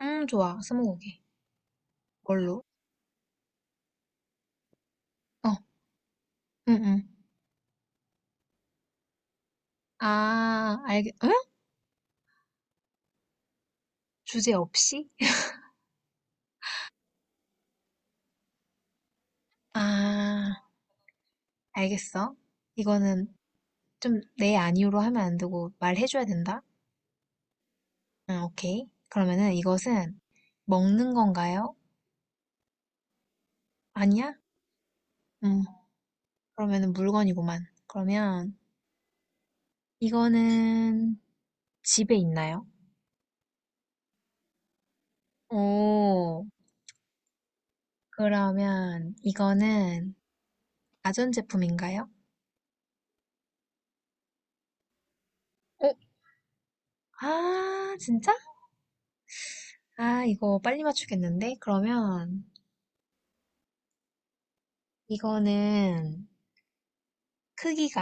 좋아. 스무고개. 뭘로? 어, 응, 응. 아, 알겠, 응? 주제 없이? 아, 알겠어. 이거는 좀 내 아니오로 하면 안 되고 말해줘야 된다? 응, 오케이. 그러면은 이것은 먹는 건가요? 아니야? 응, 그러면은 물건이구만. 그러면 이거는 집에 있나요? 오, 그러면 이거는 가전제품인가요? 어? 아, 진짜? 아, 이거 빨리 맞추겠는데? 그러면 이거는 크기가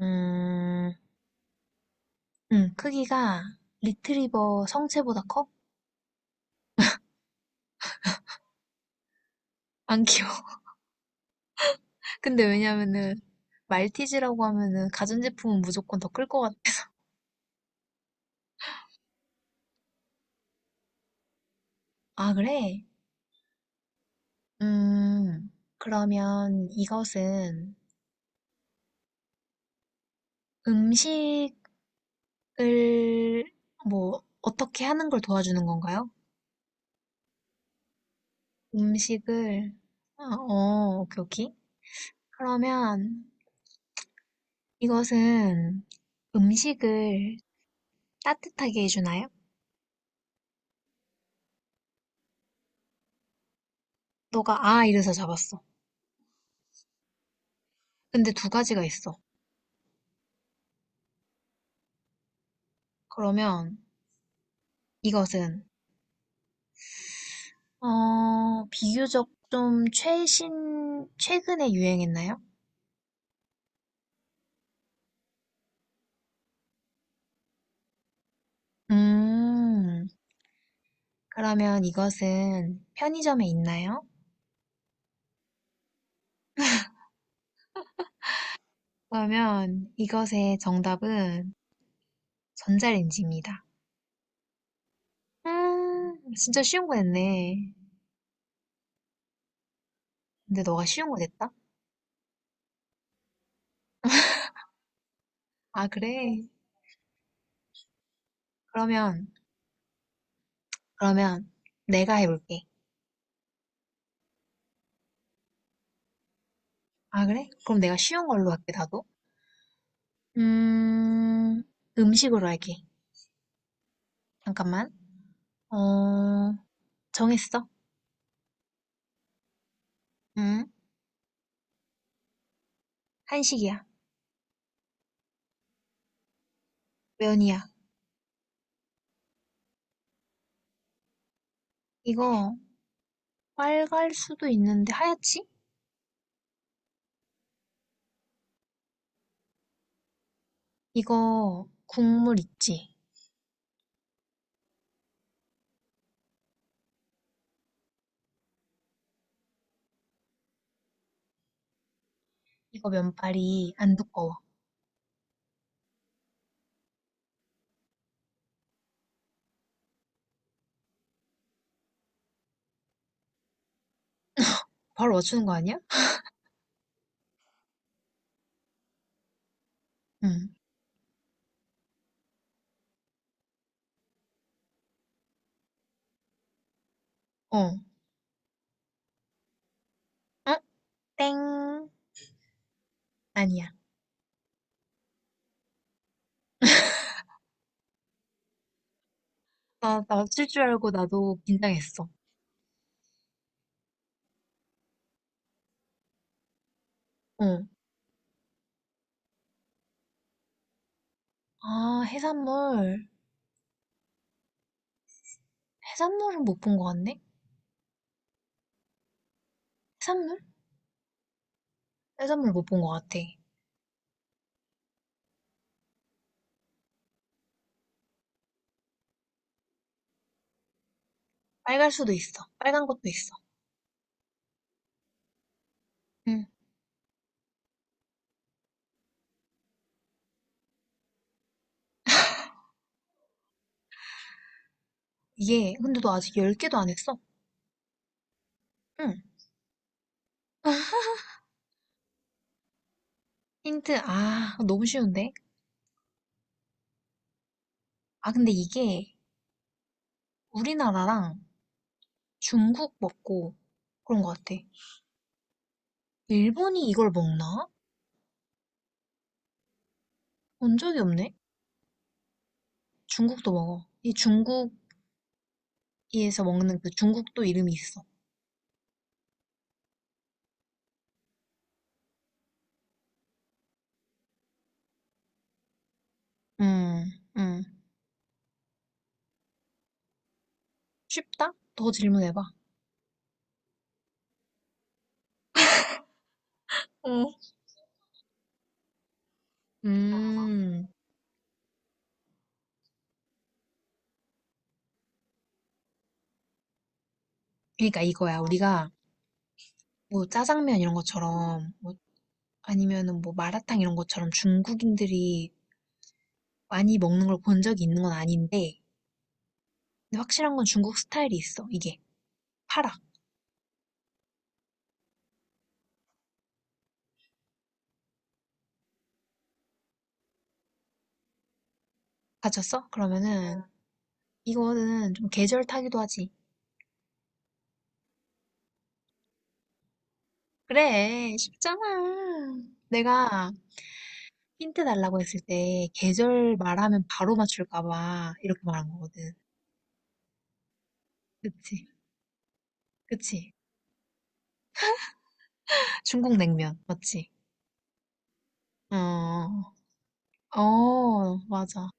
음, 크기가 리트리버 성체보다 커? 안 귀여워. 근데 왜냐면은 말티즈라고 하면은 가전제품은 무조건 더 클 것 같아. 아, 그래? 음, 그러면 이것은 음식을 뭐 어떻게 하는 걸 도와주는 건가요? 음식을 아, 어, 오케이, 오케이. 그러면 이것은 음식을 따뜻하게 해주나요? 너가 아 이래서 잡았어. 근데 두 가지가 있어. 그러면 이것은 어 비교적 좀 최신 최근에 유행했나요? 음 그러면 이것은 편의점에 있나요? 그러면 이것의 정답은 전자레인지입니다. 진짜 쉬운 거 냈네. 근데 너가 쉬운 거 냈다? 아 그래? 그러면 그러면 내가 해볼게. 아, 그래? 그럼 내가 쉬운 걸로 할게, 나도. 음, 음식으로 할게. 잠깐만. 어, 정했어. 응? 한식이야. 면이야. 이거 빨갈 수도 있는데 하얗지? 이거 국물 있지? 이거 면발이 안 두꺼워. 바로 맞추는 거 아니야? 응. 어. 어? 땡. 아니야. 나 맞출 줄 알고 나도 긴장했어. 어. 아, 해산물. 해산물은 못 본 거 같네? 해산물? 해산물 못 본 거 같아. 빨갈 수도 있어. 빨간 것도 있어. 응. 이게, 근데 너 아직 10개도 안 했어? 응. 힌트, 아, 너무 쉬운데? 아, 근데 이게 우리나라랑 중국 먹고 그런 것 같아. 일본이 이걸 먹나? 본 적이 없네? 중국도 먹어. 이 중국에서 먹는 그 중국도 이름이 있어. 음, 음. 쉽다? 더 질문해봐. 어. 음, 그러니까 이거야. 우리가 뭐 짜장면 이런 것처럼, 뭐 아니면은 뭐 마라탕 이런 것처럼 중국인들이 많이 먹는 걸 본 적이 있는 건 아닌데 근데 확실한 건 중국 스타일이 있어 이게 파라 가졌어? 그러면은 이거는 좀 계절 타기도 하지 그래 쉽잖아 내가 힌트 달라고 했을 때 계절 말하면 바로 맞출까 봐 이렇게 말한 거거든 그치 그치 중국 냉면 맞지? 어, 어, 맞아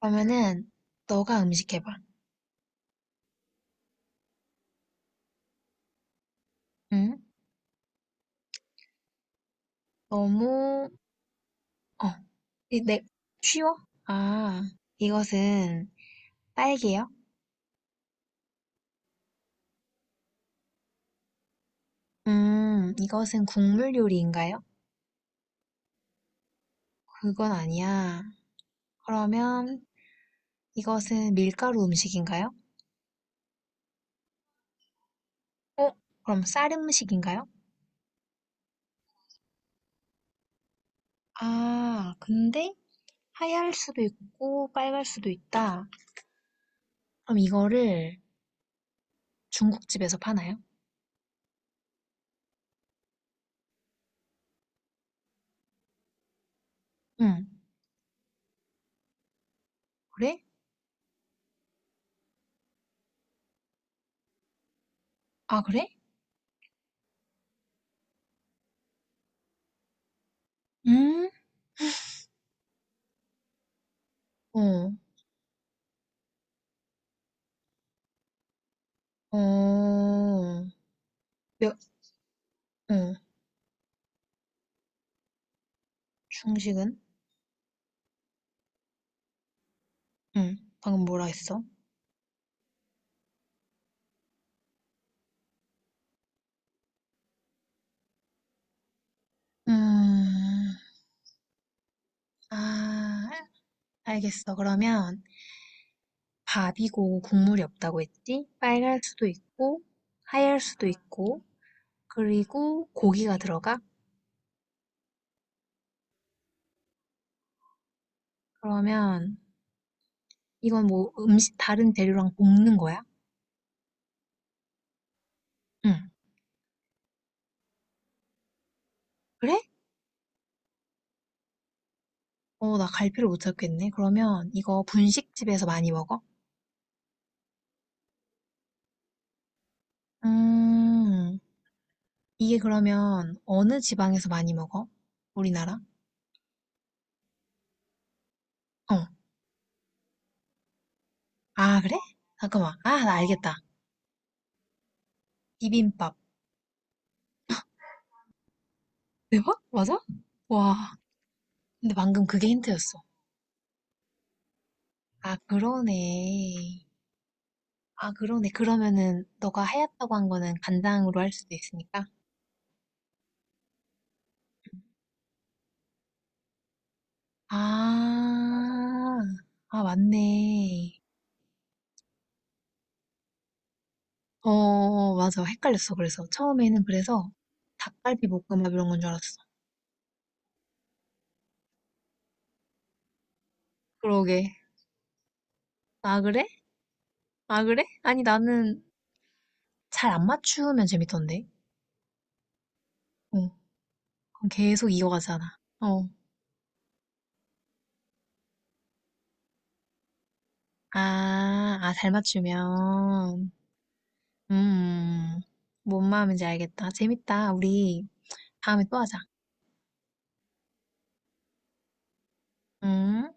그러면은 너가 음식 해봐 응? 너무 어, 이 네, 쉬워? 아, 이것은 빨개요? 이것은 국물 요리인가요? 그건 아니야. 그러면 이것은 밀가루 음식인가요? 어, 그럼 쌀 음식인가요? 아, 근데 하얄 수도 있고 빨갈 수도 있다. 그럼 이거를 중국집에서 파나요? 응, 그래? 아, 그래? 음, 어, 어, 몇, 어, 중식은? 응, 방금 뭐라 했어? 음, 아, 알겠어. 그러면 밥이고 국물이 없다고 했지? 빨갈 수도 있고, 하얄 수도 있고, 그리고 고기가 들어가? 그러면 이건 뭐 음식 다른 재료랑 볶는 거야? 응. 그래? 어, 나 갈피를 못 찾겠네. 그러면 이거 분식집에서 많이 먹어? 음, 이게 그러면 어느 지방에서 많이 먹어? 우리나라? 어. 아, 그래? 잠깐만. 아, 나 알겠다. 비빔밥. 대박? 맞아? 와. 근데 방금 그게 힌트였어. 아, 그러네. 아, 그러네. 그러면은 너가 하얗다고 한 거는 간장으로 할 수도 있으니까. 아, 아, 맞네. 어, 어, 맞아. 헷갈렸어. 그래서 처음에는 그래서 닭갈비 볶음밥 이런 건 줄 알았어. 그러게. 아, 그래? 아, 그래? 아니, 나는 잘 안 맞추면 재밌던데. 어, 그럼 계속 이어가잖아. 어. 아, 아, 잘 맞추면. 음, 뭔 마음인지 알겠다. 재밌다. 우리 다음에 또 하자. 음.